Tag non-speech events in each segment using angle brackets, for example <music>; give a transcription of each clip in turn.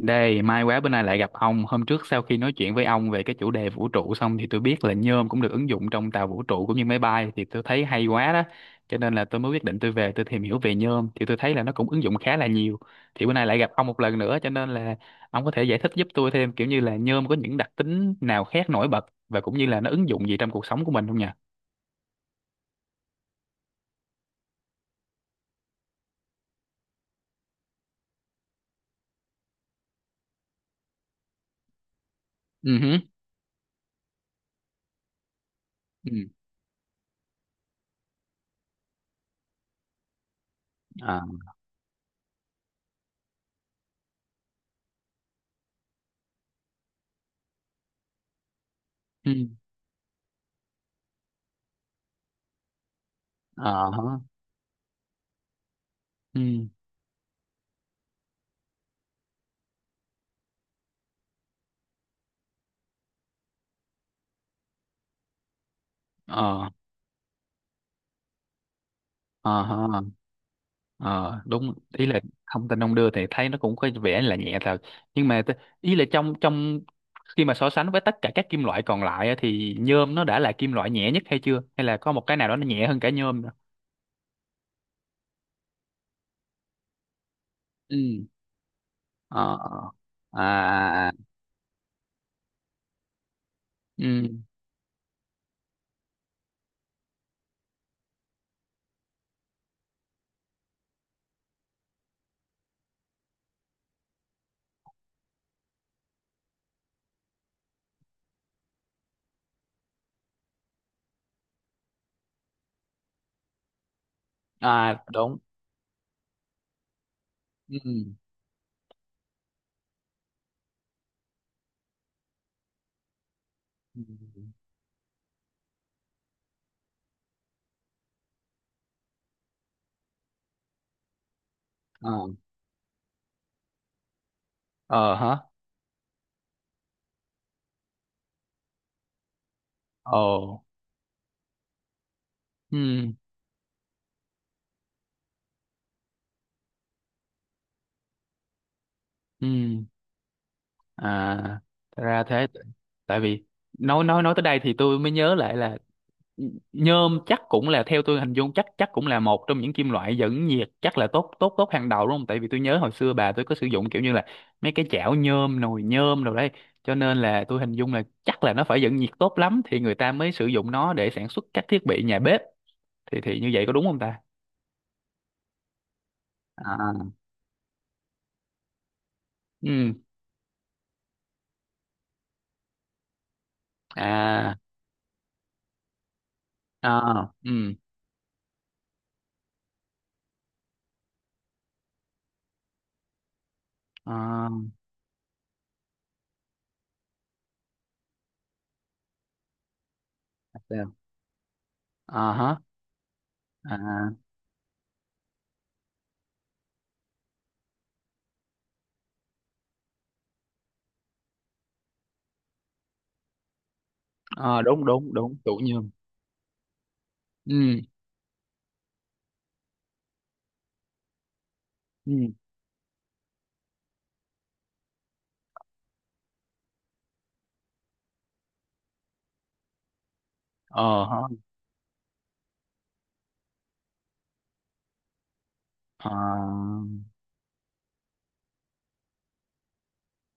Đây, may quá bữa nay lại gặp ông. Hôm trước sau khi nói chuyện với ông về cái chủ đề vũ trụ xong thì tôi biết là nhôm cũng được ứng dụng trong tàu vũ trụ cũng như máy bay thì tôi thấy hay quá đó. Cho nên là tôi mới quyết định tôi về tôi tìm hiểu về nhôm thì tôi thấy là nó cũng ứng dụng khá là nhiều. Thì bữa nay lại gặp ông một lần nữa cho nên là ông có thể giải thích giúp tôi thêm, kiểu như là nhôm có những đặc tính nào khác nổi bật và cũng như là nó ứng dụng gì trong cuộc sống của mình không nhỉ? Ừ hứ. Ừ. À. Ừ. Ờ hả. Ừ. Ờ. Ờ hả. Ờ, đúng, ý là thông tin ông đưa thì thấy nó cũng có vẻ là nhẹ thật, nhưng mà ý là trong trong khi mà so sánh với tất cả các kim loại còn lại á, thì nhôm nó đã là kim loại nhẹ nhất hay chưa, hay là có một cái nào đó nó nhẹ hơn cả nhôm nữa. Ừ. Ờ ờ. À, à, à. Ừ. À, đúng. Ừ. Ừ. Ờ. Ờ hả. Ồ. Ừ. Ừ. À, thật ra thế. Tại vì nói tới đây thì tôi mới nhớ lại là, nhôm chắc cũng là, theo tôi hình dung, chắc chắc cũng là một trong những kim loại dẫn nhiệt chắc là tốt tốt tốt hàng đầu, đúng không? Tại vì tôi nhớ hồi xưa bà tôi có sử dụng kiểu như là mấy cái chảo nhôm, nồi nhôm rồi đấy, cho nên là tôi hình dung là chắc là nó phải dẫn nhiệt tốt lắm thì người ta mới sử dụng nó để sản xuất các thiết bị nhà bếp, thì như vậy có đúng không ta? À. Ừ. À. À. Ừ. À, sao? À hả. À, à đúng đúng đúng, tủ nhôm. Ừ. Ừ. Ờ hả.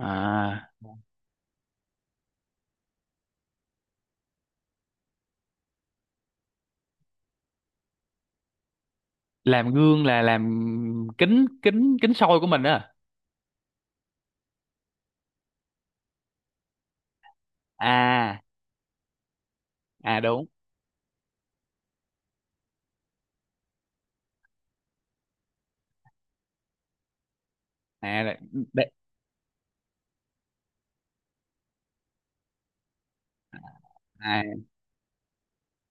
À. À. Làm gương là làm kính kính kính soi của mình á? À. À, đúng. À. đ- À,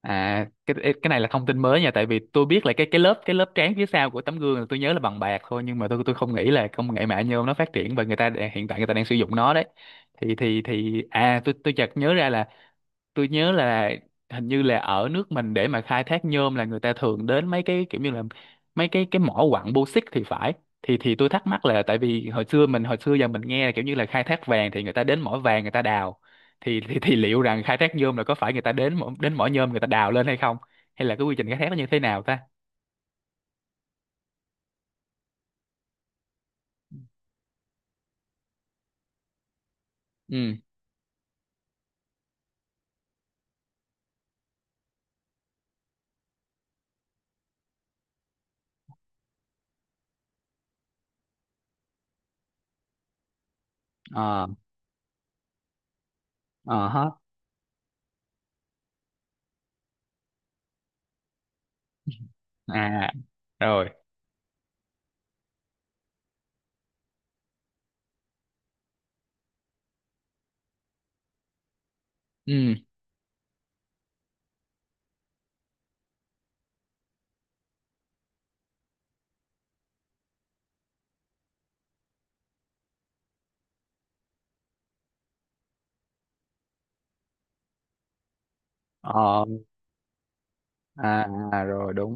à, cái này là thông tin mới nha, tại vì tôi biết là cái lớp trán phía sau của tấm gương là tôi nhớ là bằng bạc thôi, nhưng mà tôi không nghĩ là công nghệ mạng nhôm nó phát triển và người ta hiện tại người ta đang sử dụng nó đấy. Thì tôi chợt nhớ ra là, tôi nhớ là hình như là ở nước mình, để mà khai thác nhôm là người ta thường đến mấy cái kiểu như là mấy cái mỏ quặng bô xít thì phải. Thì tôi thắc mắc là, tại vì hồi xưa giờ mình nghe là kiểu như là khai thác vàng thì người ta đến mỏ vàng người ta đào, thì liệu rằng khai thác nhôm là có phải người ta đến mỏ nhôm người ta đào lên hay không, hay là cái quy trình khai thác nó như thế nào ta? Ừ. Ờ. Ờ hết. À, rồi. Ừ. Ờ. À. À, rồi đúng.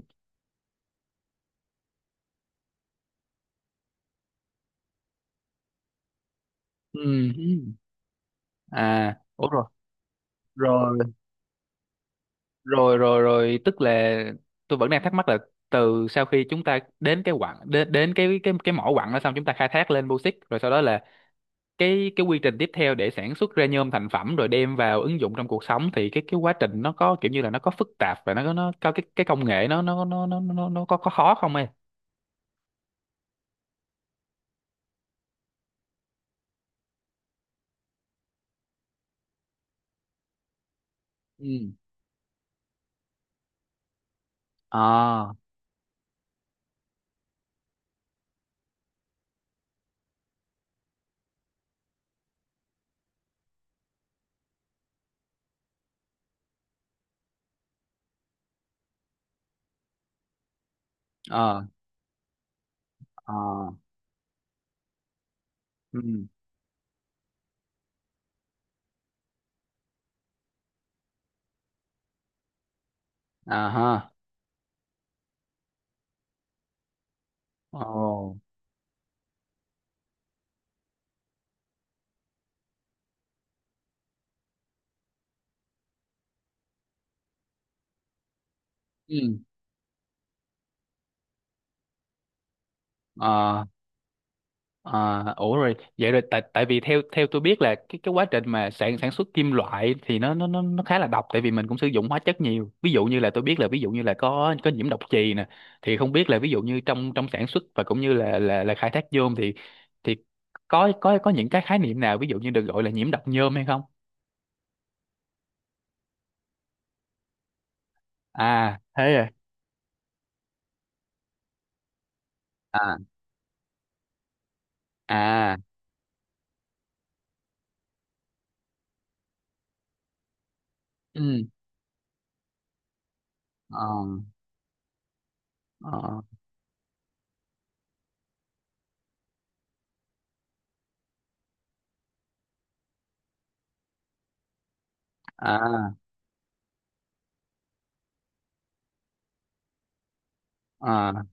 Ừ. Ừ. À, ủa rồi. Rồi rồi rồi rồi, tức là tôi vẫn đang thắc mắc là, từ sau khi chúng ta đến đến cái mỏ quặng đó xong, chúng ta khai thác lên bauxit rồi sau đó là cái quy trình tiếp theo để sản xuất ra nhôm thành phẩm rồi đem vào ứng dụng trong cuộc sống, thì cái quá trình nó có kiểu như là nó có phức tạp, và nó có cái công nghệ nó có khó không em? Ừ. À. À. À. Ừ. À ha. Ồ. Ừ. À. À, ủa rồi, vậy rồi, tại tại vì theo theo tôi biết là cái quá trình mà sản sản xuất kim loại thì nó khá là độc, tại vì mình cũng sử dụng hóa chất nhiều, ví dụ như là tôi biết là, ví dụ như là có nhiễm độc chì nè, thì không biết là ví dụ như trong trong sản xuất và cũng như là khai thác nhôm thì có những cái khái niệm nào ví dụ như được gọi là nhiễm độc nhôm hay không? À, thế à? À. À. Ừ. Ờ. Ờ. À. À.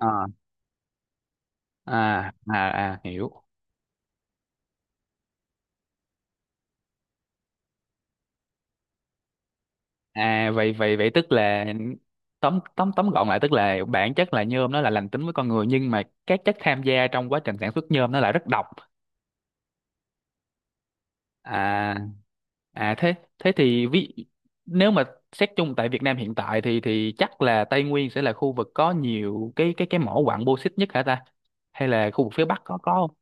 À. À. À, à, hiểu. À, vậy, vậy tức là, tóm tóm tóm gọn lại, tức là bản chất là nhôm nó là lành tính với con người, nhưng mà các chất tham gia trong quá trình sản xuất nhôm nó lại rất độc. À. À, thế thế thì nếu mà xét chung tại Việt Nam hiện tại thì chắc là Tây Nguyên sẽ là khu vực có nhiều cái mỏ quặng bauxit nhất hả ta? Hay là khu vực phía Bắc có không?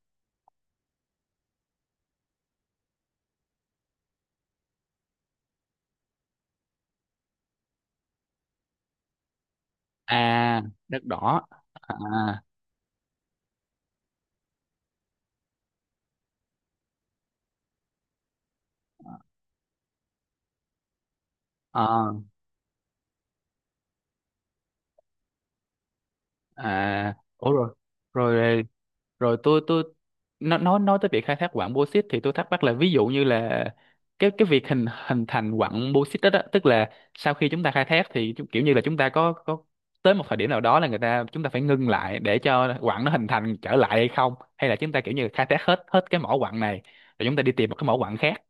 À, đất đỏ. À. À. À, ủa rồi. Rồi. Rồi, tôi nó nói tới việc khai thác quặng bauxit thì tôi thắc mắc là, ví dụ như là cái việc hình hình thành quặng bauxit đó tức là, sau khi chúng ta khai thác thì kiểu như là chúng ta có tới một thời điểm nào đó là người ta, chúng ta phải ngưng lại để cho quặng nó hình thành trở lại hay không, hay là chúng ta kiểu như khai thác hết hết cái mỏ quặng này rồi chúng ta đi tìm một cái mỏ quặng khác.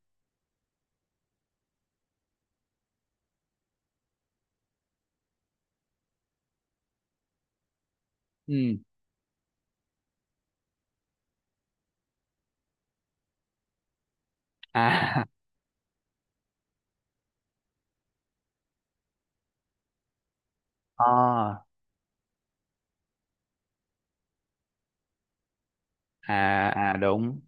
Ừ. À. <laughs> À. À, à đúng.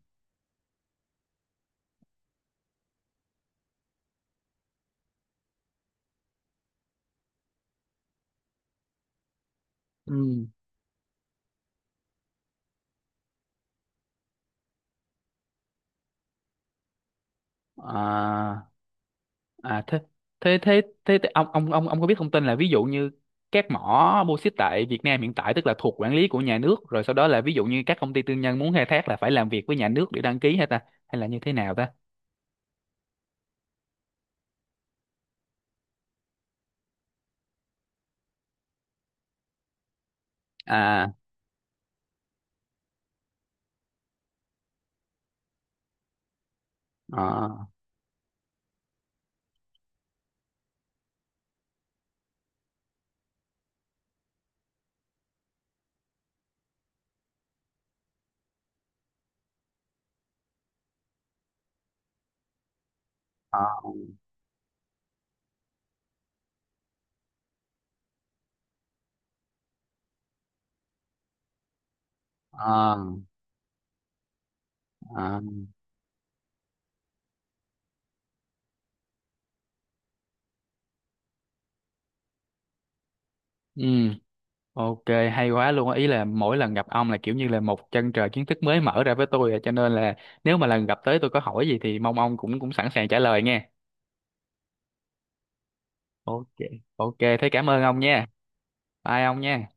Ừ. À. À, thế thế thế thế, thế ông có biết thông tin là, ví dụ như các mỏ bô xít tại Việt Nam hiện tại tức là thuộc quản lý của nhà nước, rồi sau đó là ví dụ như các công ty tư nhân muốn khai thác là phải làm việc với nhà nước để đăng ký hay ta, hay là như thế nào ta? À. Ờ. Ờ. Ờ. Ờ. Ừ. Ok, hay quá luôn á. Ý là mỗi lần gặp ông là kiểu như là một chân trời kiến thức mới mở ra với tôi à, cho nên là nếu mà lần gặp tới tôi có hỏi gì thì mong ông cũng cũng sẵn sàng trả lời nghe. Ok, ok, thế cảm ơn ông nha. Bye ông nha.